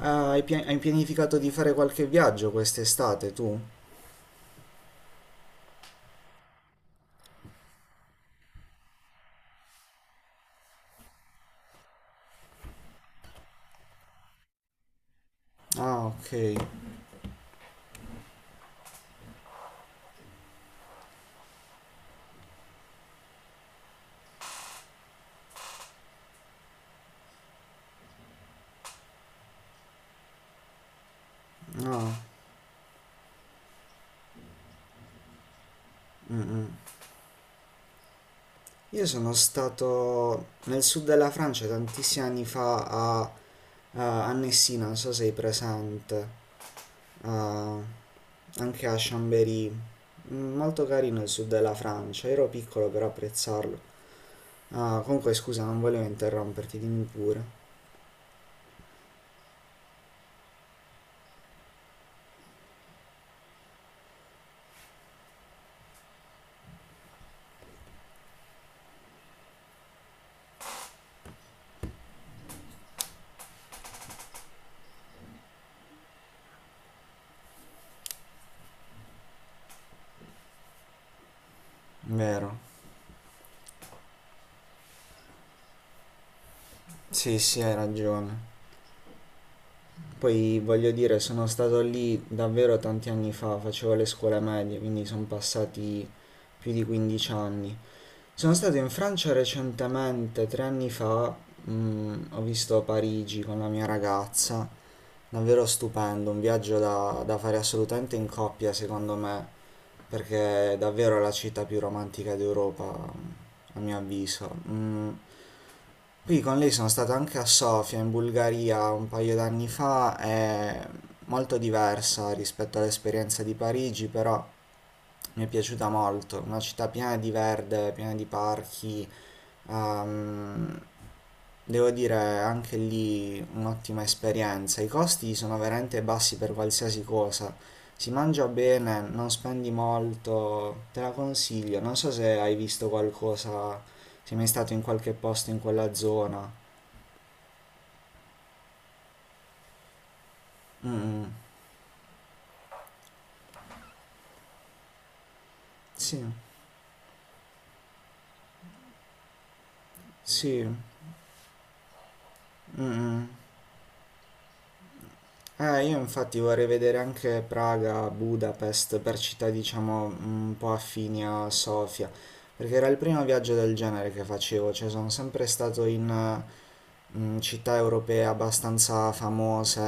Ah, hai pianificato di fare qualche viaggio quest'estate tu? Ah, ok. No. Mm, mm. Io sono stato nel sud della Francia tantissimi anni fa a Messina, non so se sei presente, a- anche a Chambéry. Molto carino il sud della Francia, ero piccolo per apprezzarlo. Ah, comunque scusa, non volevo interromperti, dimmi pure. Vero. Sì, sì, hai ragione. Poi voglio dire, sono stato lì davvero tanti anni fa, facevo le scuole medie, quindi sono passati più di 15 anni. Sono stato in Francia recentemente, 3 anni fa, ho visto Parigi con la mia ragazza, davvero stupendo, un viaggio da fare assolutamente in coppia secondo me, perché è davvero la città più romantica d'Europa, a mio avviso. Poi con lei sono stato anche a Sofia, in Bulgaria, un paio d'anni fa, è molto diversa rispetto all'esperienza di Parigi, però mi è piaciuta molto, una città piena di verde, piena di parchi, ehm, devo dire anche lì un'ottima esperienza, i costi sono veramente bassi per qualsiasi cosa, si mangia bene, non spendi molto, te la consiglio, non so se hai visto qualcosa, se sei mai stato in qualche posto in quella zona. Mm, mm. Sì, sì. Mm. Mm. Io infatti vorrei vedere anche Praga, Budapest, per città diciamo un po' affini a Sofia, perché era il primo viaggio del genere che facevo, cioè sono sempre stato in città europee abbastanza famose,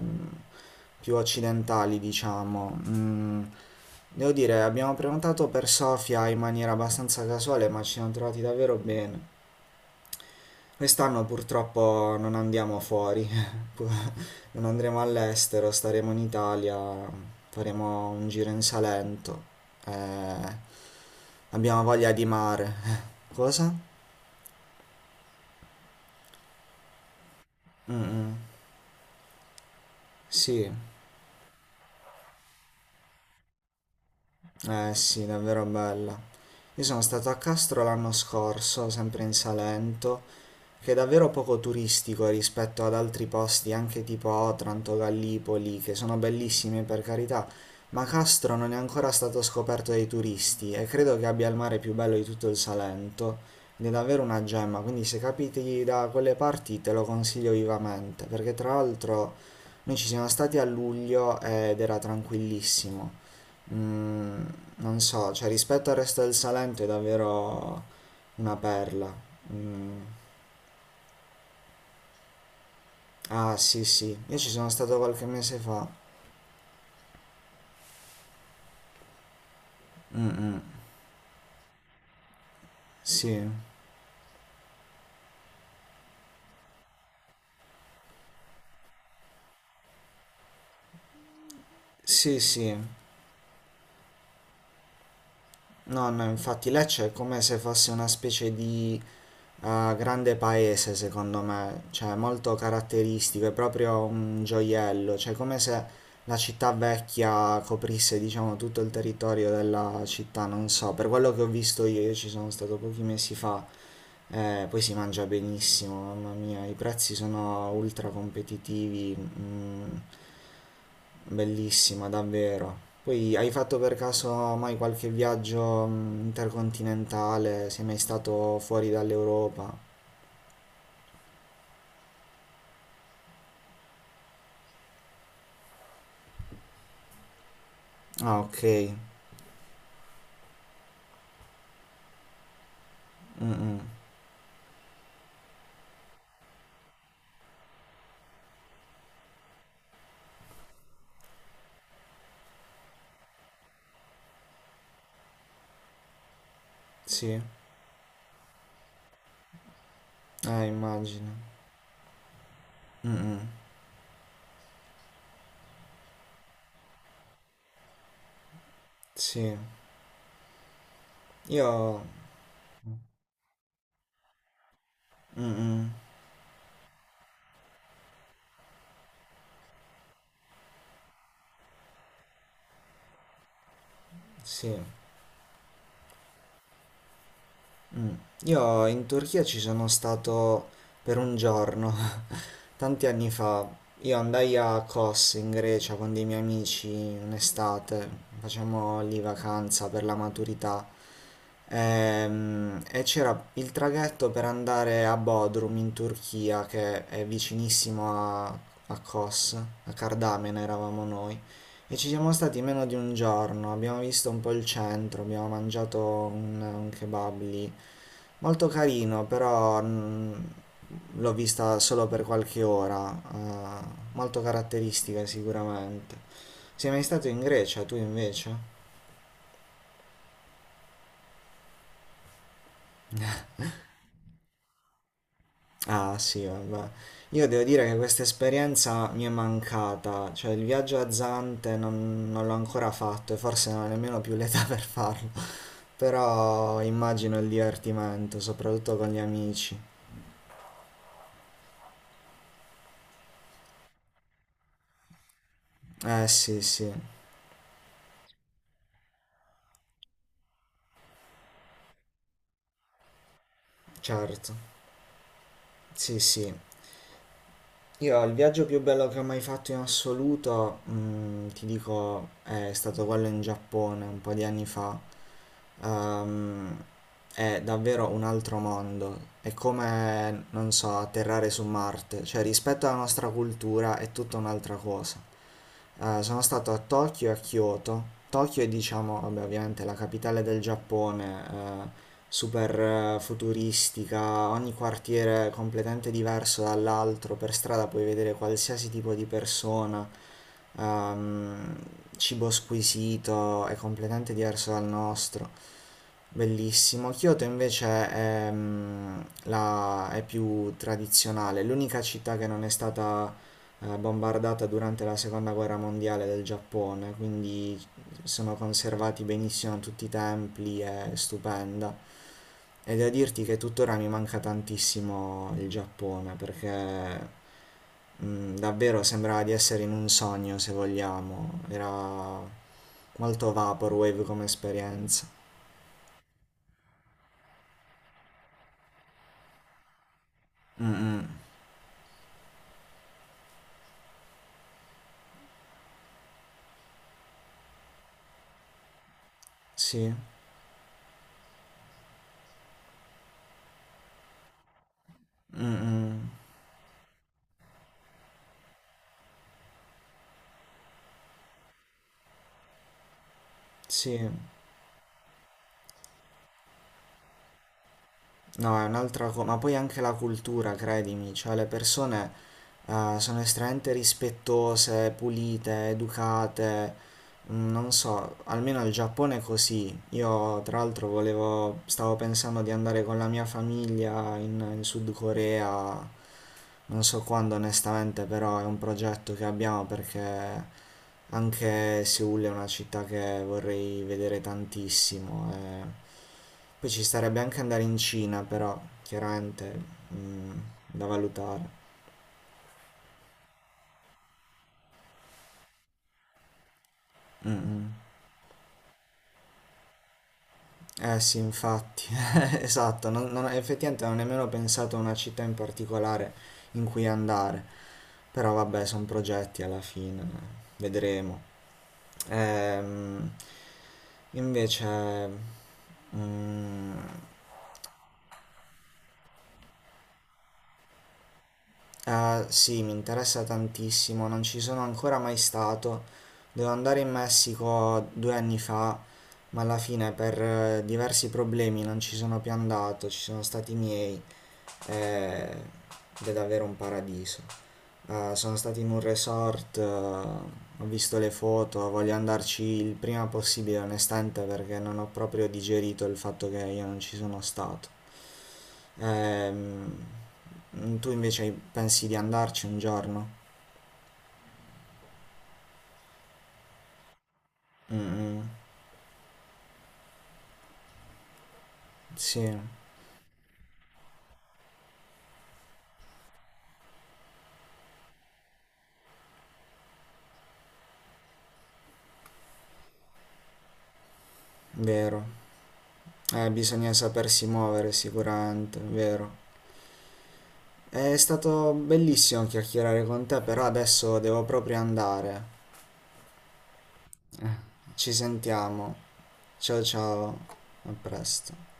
più occidentali diciamo. Devo dire, abbiamo prenotato per Sofia in maniera abbastanza casuale, ma ci siamo trovati davvero bene. Quest'anno purtroppo non andiamo fuori, pu- non andremo all'estero, staremo in Italia, faremo un giro in Salento. eh, abbiamo voglia di mare. Cosa? Mm, mm. Sì. Eh sì, davvero bella. Io sono stato a Castro l'anno scorso, sempre in Salento, che è davvero poco turistico rispetto ad altri posti, anche tipo Otranto, Gallipoli, che sono bellissimi per carità, ma Castro non è ancora stato scoperto dai turisti e credo che abbia il mare più bello di tutto il Salento. Ed è davvero una gemma, quindi se capiti da quelle parti te lo consiglio vivamente, perché tra l'altro noi ci siamo stati a luglio ed era tranquillissimo. Mm, non so, cioè rispetto al resto del Salento è davvero una perla. Mm. Ah, sì, sì. Io ci sono stato qualche mese fa. Mm. Sì. Sì, sì. No, no, infatti Lecce è come se fosse una specie di grande paese, secondo me, cioè molto caratteristico, è proprio un gioiello, cioè come se la città vecchia coprisse, diciamo, tutto il territorio della città, non so, per quello che ho visto io. Io ci sono stato pochi mesi fa, poi si mangia benissimo, mamma mia, i prezzi sono ultra competitivi. Bellissima, davvero. Poi hai fatto per caso mai qualche viaggio intercontinentale? Sei mai stato fuori dall'Europa? Ah, ok. Sì, immagino. Sì. Io... Mm, mm. Sì. Io in Turchia ci sono stato per un giorno, tanti anni fa. Io andai a Kos in Grecia con dei miei amici un'estate, facciamo lì vacanza per la maturità. E c'era il traghetto per andare a Bodrum in Turchia, che è vicinissimo a Kos, a Cardamena eravamo noi. E ci siamo stati meno di un giorno, abbiamo visto un po' il centro, abbiamo mangiato un kebab lì. Molto carino, però l'ho vista solo per qualche ora, molto caratteristica sicuramente. Sei mai stato in Grecia, tu invece? Ah sì, vabbè. Io devo dire che questa esperienza mi è mancata, cioè il viaggio a Zante non l'ho ancora fatto e forse non ho nemmeno più l'età per farlo, però immagino il divertimento, soprattutto con gli amici. Eh sì, sì, certo, sì sì. Io il viaggio più bello che ho mai fatto in assoluto, ti dico, è stato quello in Giappone un po' di anni fa. Ehm, è davvero un altro mondo. È come, non so, atterrare su Marte. Cioè, rispetto alla nostra cultura è tutta un'altra cosa. Sono stato a Tokyo e a Kyoto. Tokyo è, diciamo, vabbè, ovviamente la capitale del Giappone, eh, super futuristica, ogni quartiere completamente diverso dall'altro, per strada puoi vedere qualsiasi tipo di persona, ehm, cibo squisito, è completamente diverso dal nostro. Bellissimo. Kyoto invece è più tradizionale. L'unica città che non è stata bombardata durante la seconda guerra mondiale del Giappone, quindi sono conservati benissimo tutti i templi, è stupenda. E devo dirti che tuttora mi manca tantissimo il Giappone perché davvero sembrava di essere in un sogno, se vogliamo. Era molto vaporwave come esperienza. Mm, mm. Sì. Mm, mm. Sì. No, è un'altra cosa, ma poi anche la cultura, credimi, cioè le persone sono estremamente rispettose, pulite, educate, non so, almeno il Giappone è così. Io tra l'altro volevo, stavo pensando di andare con la mia famiglia in Sud Corea, non so quando onestamente, però è un progetto che abbiamo perché anche Seoul è una città che vorrei vedere tantissimo. Poi ci starebbe anche andare in Cina, però chiaramente mm, da valutare. Mm, mm. Eh sì, infatti, esatto, effettivamente non ho nemmeno pensato a una città in particolare in cui andare, però vabbè, sono progetti alla fine, vedremo. Ehm, invece, Mm. Ah, sì, mi interessa tantissimo, non ci sono ancora mai stato. Dovevo andare in Messico 2 anni fa, ma alla fine per diversi problemi non ci sono più andato, ci sono stati i miei eh, ed è davvero un paradiso. Sono stato in un resort, ho visto le foto, voglio andarci il prima possibile, onestamente, perché non ho proprio digerito il fatto che io non ci sono stato. Tu invece pensi di andarci un giorno? Mm, mm, sì, vero. Bisogna sapersi muovere sicuramente, vero. È stato bellissimo chiacchierare con te, però adesso devo proprio andare. Eh, Ci sentiamo. Ciao ciao, a presto.